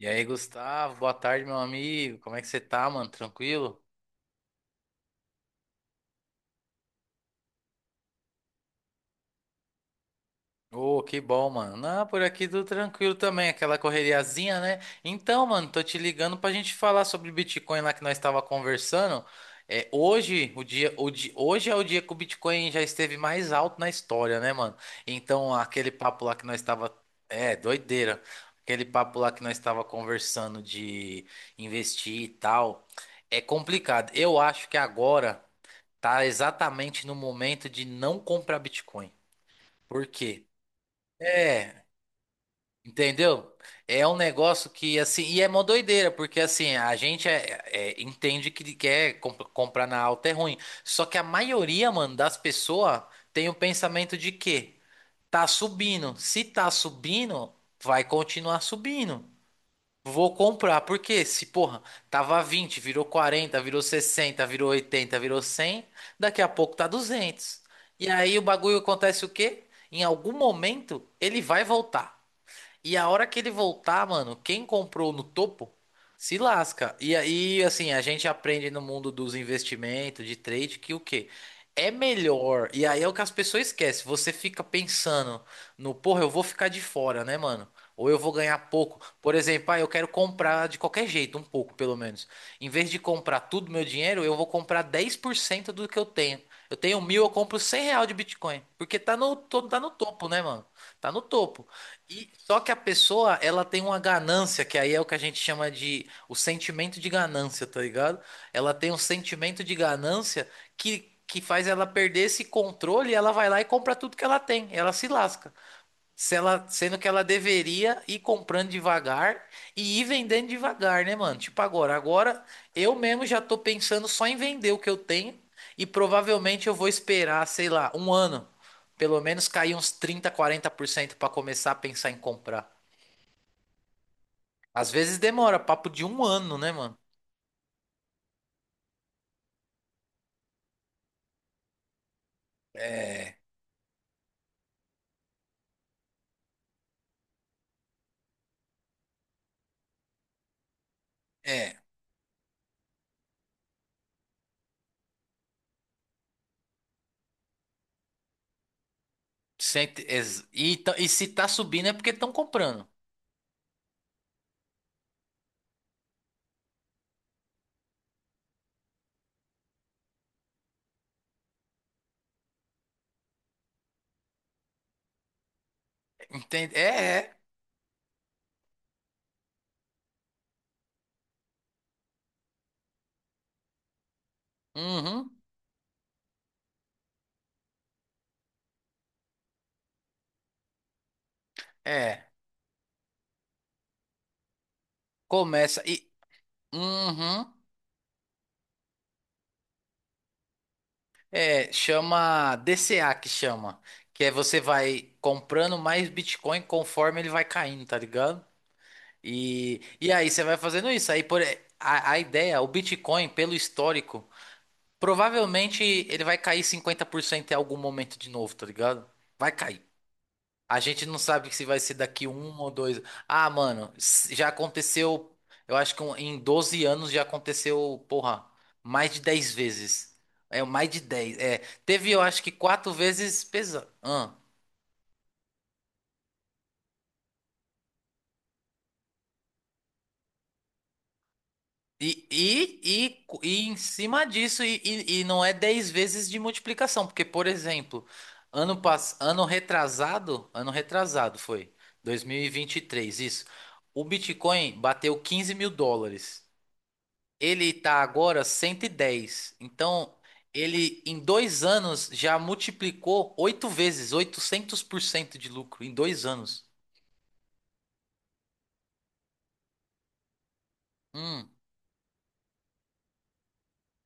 E aí, Gustavo, boa tarde, meu amigo. Como é que você tá, mano? Tranquilo? Ô, que bom, mano. Não, por aqui tudo tranquilo também, aquela correriazinha, né? Então, mano, tô te ligando pra gente falar sobre Bitcoin lá que nós estava conversando. É, hoje, o dia, o di- hoje é o dia que o Bitcoin já esteve mais alto na história, né, mano? Então, aquele papo lá que nós estava, é, doideira. Aquele papo lá que nós estava conversando de investir e tal, é complicado. Eu acho que agora tá exatamente no momento de não comprar Bitcoin. Por quê? É, entendeu? É um negócio que assim, e é uma doideira, porque assim, a gente entende que quer comprar na alta é ruim. Só que a maioria, mano, das pessoas tem o pensamento de que tá subindo. Se tá subindo, vai continuar subindo. Vou comprar, porque se, porra, tava 20, virou 40, virou 60, virou 80, virou 100, daqui a pouco tá duzentos. E aí o bagulho acontece o quê? Em algum momento ele vai voltar. E a hora que ele voltar, mano, quem comprou no topo se lasca. E aí, assim, a gente aprende no mundo dos investimentos, de trade, que o quê? É melhor. E aí é o que as pessoas esquecem. Você fica pensando no, porra, eu vou ficar de fora, né, mano? Ou eu vou ganhar pouco. Por exemplo, ah, eu quero comprar de qualquer jeito, um pouco pelo menos. Em vez de comprar tudo meu dinheiro, eu vou comprar 10% do que eu tenho. Eu tenho mil, eu compro 100 real de Bitcoin. Porque tá no topo, né, mano? Tá no topo. E só que a pessoa, ela tem uma ganância, que aí é o que a gente chama de o sentimento de ganância, tá ligado? Ela tem um sentimento de ganância que faz ela perder esse controle e ela vai lá e compra tudo que ela tem. Ela se lasca. Se ela, sendo que ela deveria ir comprando devagar e ir vendendo devagar, né, mano? Tipo agora eu mesmo já tô pensando só em vender o que eu tenho e provavelmente eu vou esperar, sei lá, um ano, pelo menos cair uns trinta, quarenta por cento pra começar a pensar em comprar. Às vezes demora, papo de um ano, né, mano? É, e se tá subindo é porque estão comprando. Entende? É, é. Uhum, é. Começa e. Uhum. É, chama DCA que chama, que é você vai comprando mais Bitcoin conforme ele vai caindo, tá ligado? E aí você vai fazendo isso. Aí a ideia, o Bitcoin, pelo histórico, provavelmente ele vai cair 50% em algum momento de novo, tá ligado? Vai cair. A gente não sabe se vai ser daqui um ou dois. Ah, mano, já aconteceu. Eu acho que em 12 anos já aconteceu, porra, mais de 10 vezes. É, mais de 10. É, teve, eu acho que quatro vezes pesado. E, e, e em cima disso, e não é 10 vezes de multiplicação. Porque, por exemplo, ano retrasado foi 2023, isso. O Bitcoin bateu 15 mil dólares. Ele tá agora 110. Então, ele em 2 anos já multiplicou oito vezes, 800% de lucro em 2 anos. Hum,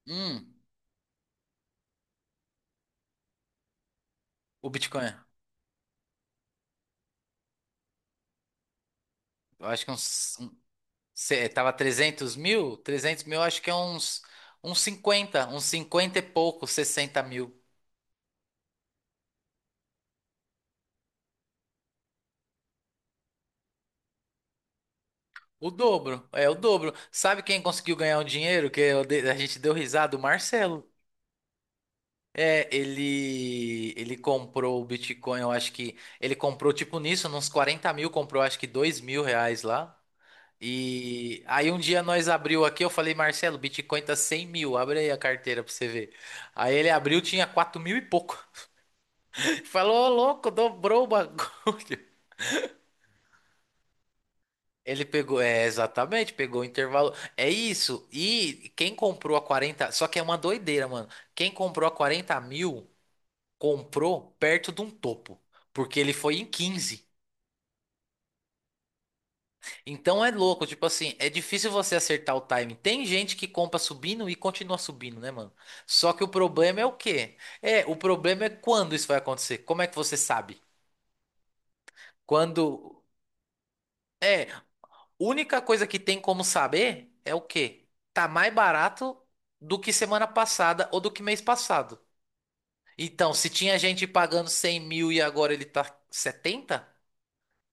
hum. O Bitcoin, eu acho que é tava trezentos mil, eu acho que é uns 50, uns 50 e pouco, 60 mil. O dobro, é o dobro. Sabe quem conseguiu ganhar o dinheiro que a gente deu risada? O Marcelo. É, ele comprou o Bitcoin, eu acho que. Ele comprou, tipo, nisso, uns 40 mil, comprou acho que R$ 2 mil lá. E aí um dia nós abriu aqui, eu falei, Marcelo, o Bitcoin tá 100 mil, abre aí a carteira pra você ver. Aí ele abriu, tinha 4 mil e pouco. Falou, ô louco, dobrou o bagulho. Ele pegou, é, exatamente, pegou o intervalo. É isso. E quem comprou a 40, só que é uma doideira, mano. Quem comprou a 40 mil, comprou perto de um topo, porque ele foi em quinze. Então é louco, tipo assim, é difícil você acertar o time. Tem gente que compra subindo e continua subindo, né, mano? Só que o problema é o quê? É, o problema é quando isso vai acontecer. Como é que você sabe? Quando é, Única coisa que tem como saber é o quê? Tá mais barato do que semana passada ou do que mês passado. Então, se tinha gente pagando 100 mil e agora ele tá setenta.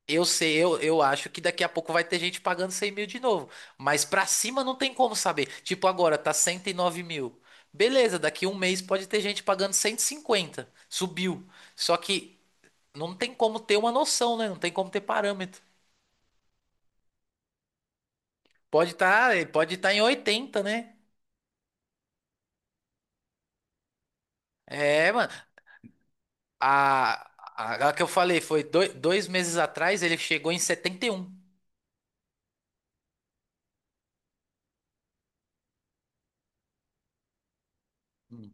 Eu sei, eu acho que daqui a pouco vai ter gente pagando 100 mil de novo. Mas pra cima não tem como saber. Tipo, agora tá 109 mil. Beleza, daqui um mês pode ter gente pagando 150. Subiu. Só que não tem como ter uma noção, né? Não tem como ter parâmetro. Pode estar em 80, né? É, mano. A, a que eu falei foi dois meses atrás, ele chegou em 71. Hum.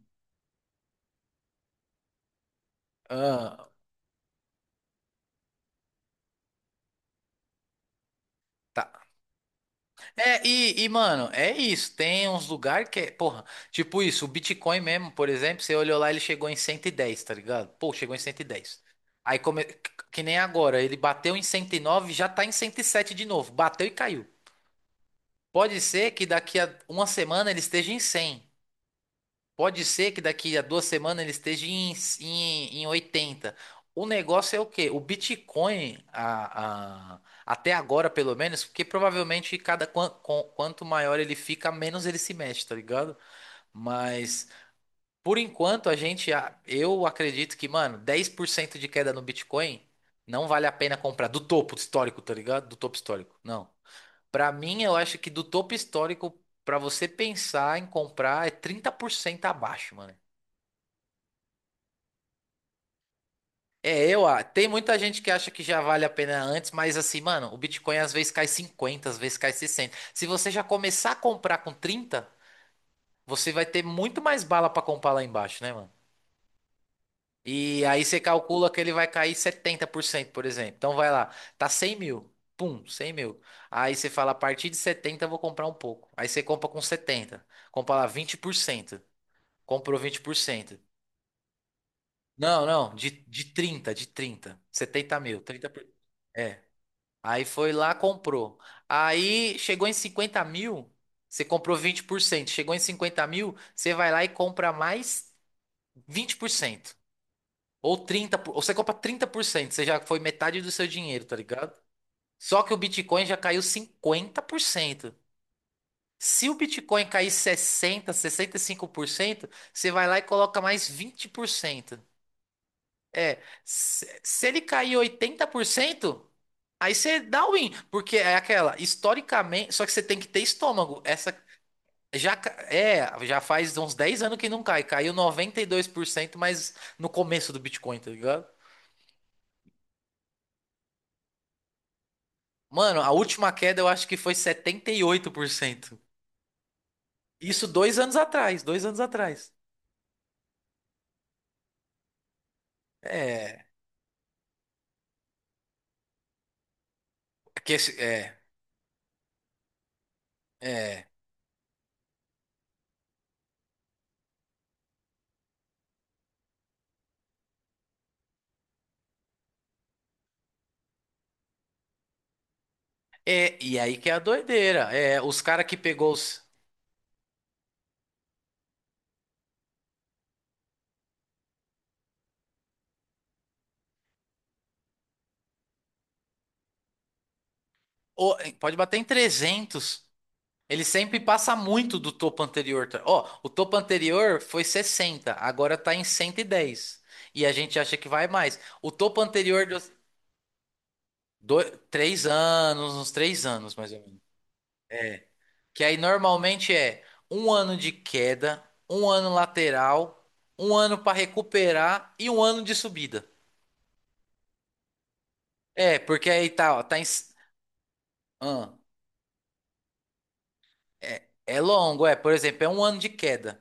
Ah, tá. É, mano, é isso. Tem uns lugares que é, porra, tipo isso, o Bitcoin mesmo, por exemplo, você olhou lá, ele chegou em 110, tá ligado? Pô, chegou em cento e dez. Aí, come... que nem agora, ele bateu em 109, já tá em 107 de novo. Bateu e caiu. Pode ser que daqui a uma semana ele esteja em cem. Pode ser que daqui a duas semanas ele esteja em, em 80. O negócio é o quê? O Bitcoin, até agora pelo menos, porque provavelmente cada quanto maior ele fica, menos ele se mexe, tá ligado? Mas por enquanto eu acredito que, mano, 10% de queda no Bitcoin não vale a pena comprar do topo histórico, tá ligado? Do topo histórico. Não. Pra mim, eu acho que do topo histórico, pra você pensar em comprar, é 30% abaixo, mano. É, ah, tem muita gente que acha que já vale a pena antes, mas assim, mano, o Bitcoin às vezes cai cinquenta, às vezes cai sessenta. Se você já começar a comprar com trinta, você vai ter muito mais bala pra comprar lá embaixo, né, mano? E aí você calcula que ele vai cair 70% por exemplo. Então vai lá, tá 100 mil. Pum, 100 mil. Aí você fala, a partir de setenta eu vou comprar um pouco. Aí você compra com setenta. Compra lá vinte por cento. Comprou vinte por cento. Não, não, de trinta 70 mil, 30%. Aí foi lá, comprou. Aí chegou em 50 mil, você comprou 20%. Chegou em 50 mil, você vai lá e compra mais vinte por cento. Ou 30%, ou você compra 30%. Você já foi metade do seu dinheiro, tá ligado? Só que o Bitcoin já caiu 50%. Se o Bitcoin cair sessenta, 65%, você vai lá e coloca mais 20%. É, se ele cair 80%. Aí você dá o win, porque é aquela, historicamente, só que você tem que ter estômago. Essa já faz uns 10 anos que não cai, caiu 92%, mas no começo do Bitcoin, tá ligado? Mano, a última queda eu acho que foi 78%. Isso dois anos atrás. É, é que esse- é, é, é, e aí que é a doideira. É, os cara que pegou os, ô, pode bater em 300. Ele sempre passa muito do topo anterior. Tá? Ó, o topo anterior foi 60, agora tá em 110. E dez. E a gente acha que vai mais. O topo anterior de dois, três anos, uns três anos mais ou menos. Que aí normalmente é um ano de queda, um ano lateral, um ano para recuperar e um ano de subida. É, porque aí tá, ó, tá em. Ahn. É, é longo, é. Por exemplo, é um ano de queda.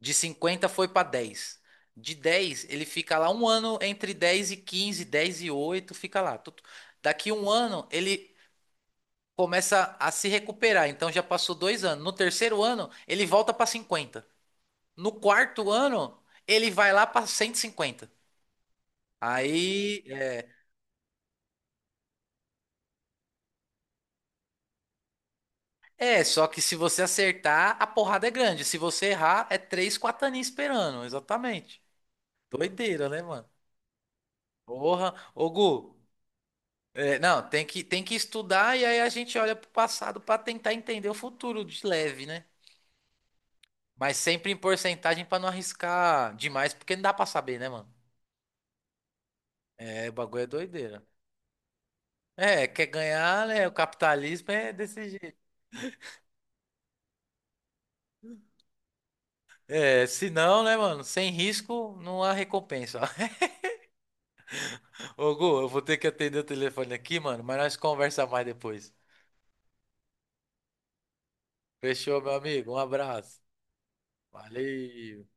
De 50 foi para 10. De dez ele fica lá um ano entre 10 e 15, 10 e 8 fica lá. Daqui um ano, ele começa a se recuperar. Então já passou dois anos. No terceiro ano, ele volta para 50. No quarto ano, ele vai lá para 150. Aí, só que se você acertar, a porrada é grande. Se você errar, é 3 4 aninhos esperando. Exatamente. Doideira, né, mano? Porra, ô Gu, é, não, tem que, estudar e aí a gente olha pro passado pra tentar entender o futuro de leve, né? Mas sempre em porcentagem pra não arriscar demais, porque não dá pra saber, né, mano? É, o bagulho é doideira. É, quer ganhar, né? O capitalismo é desse jeito. É, se não, né, mano? Sem risco não há recompensa. Ô Gu, eu vou ter que atender o telefone aqui, mano, mas nós conversamos mais depois. Fechou, meu amigo? Um abraço. Valeu.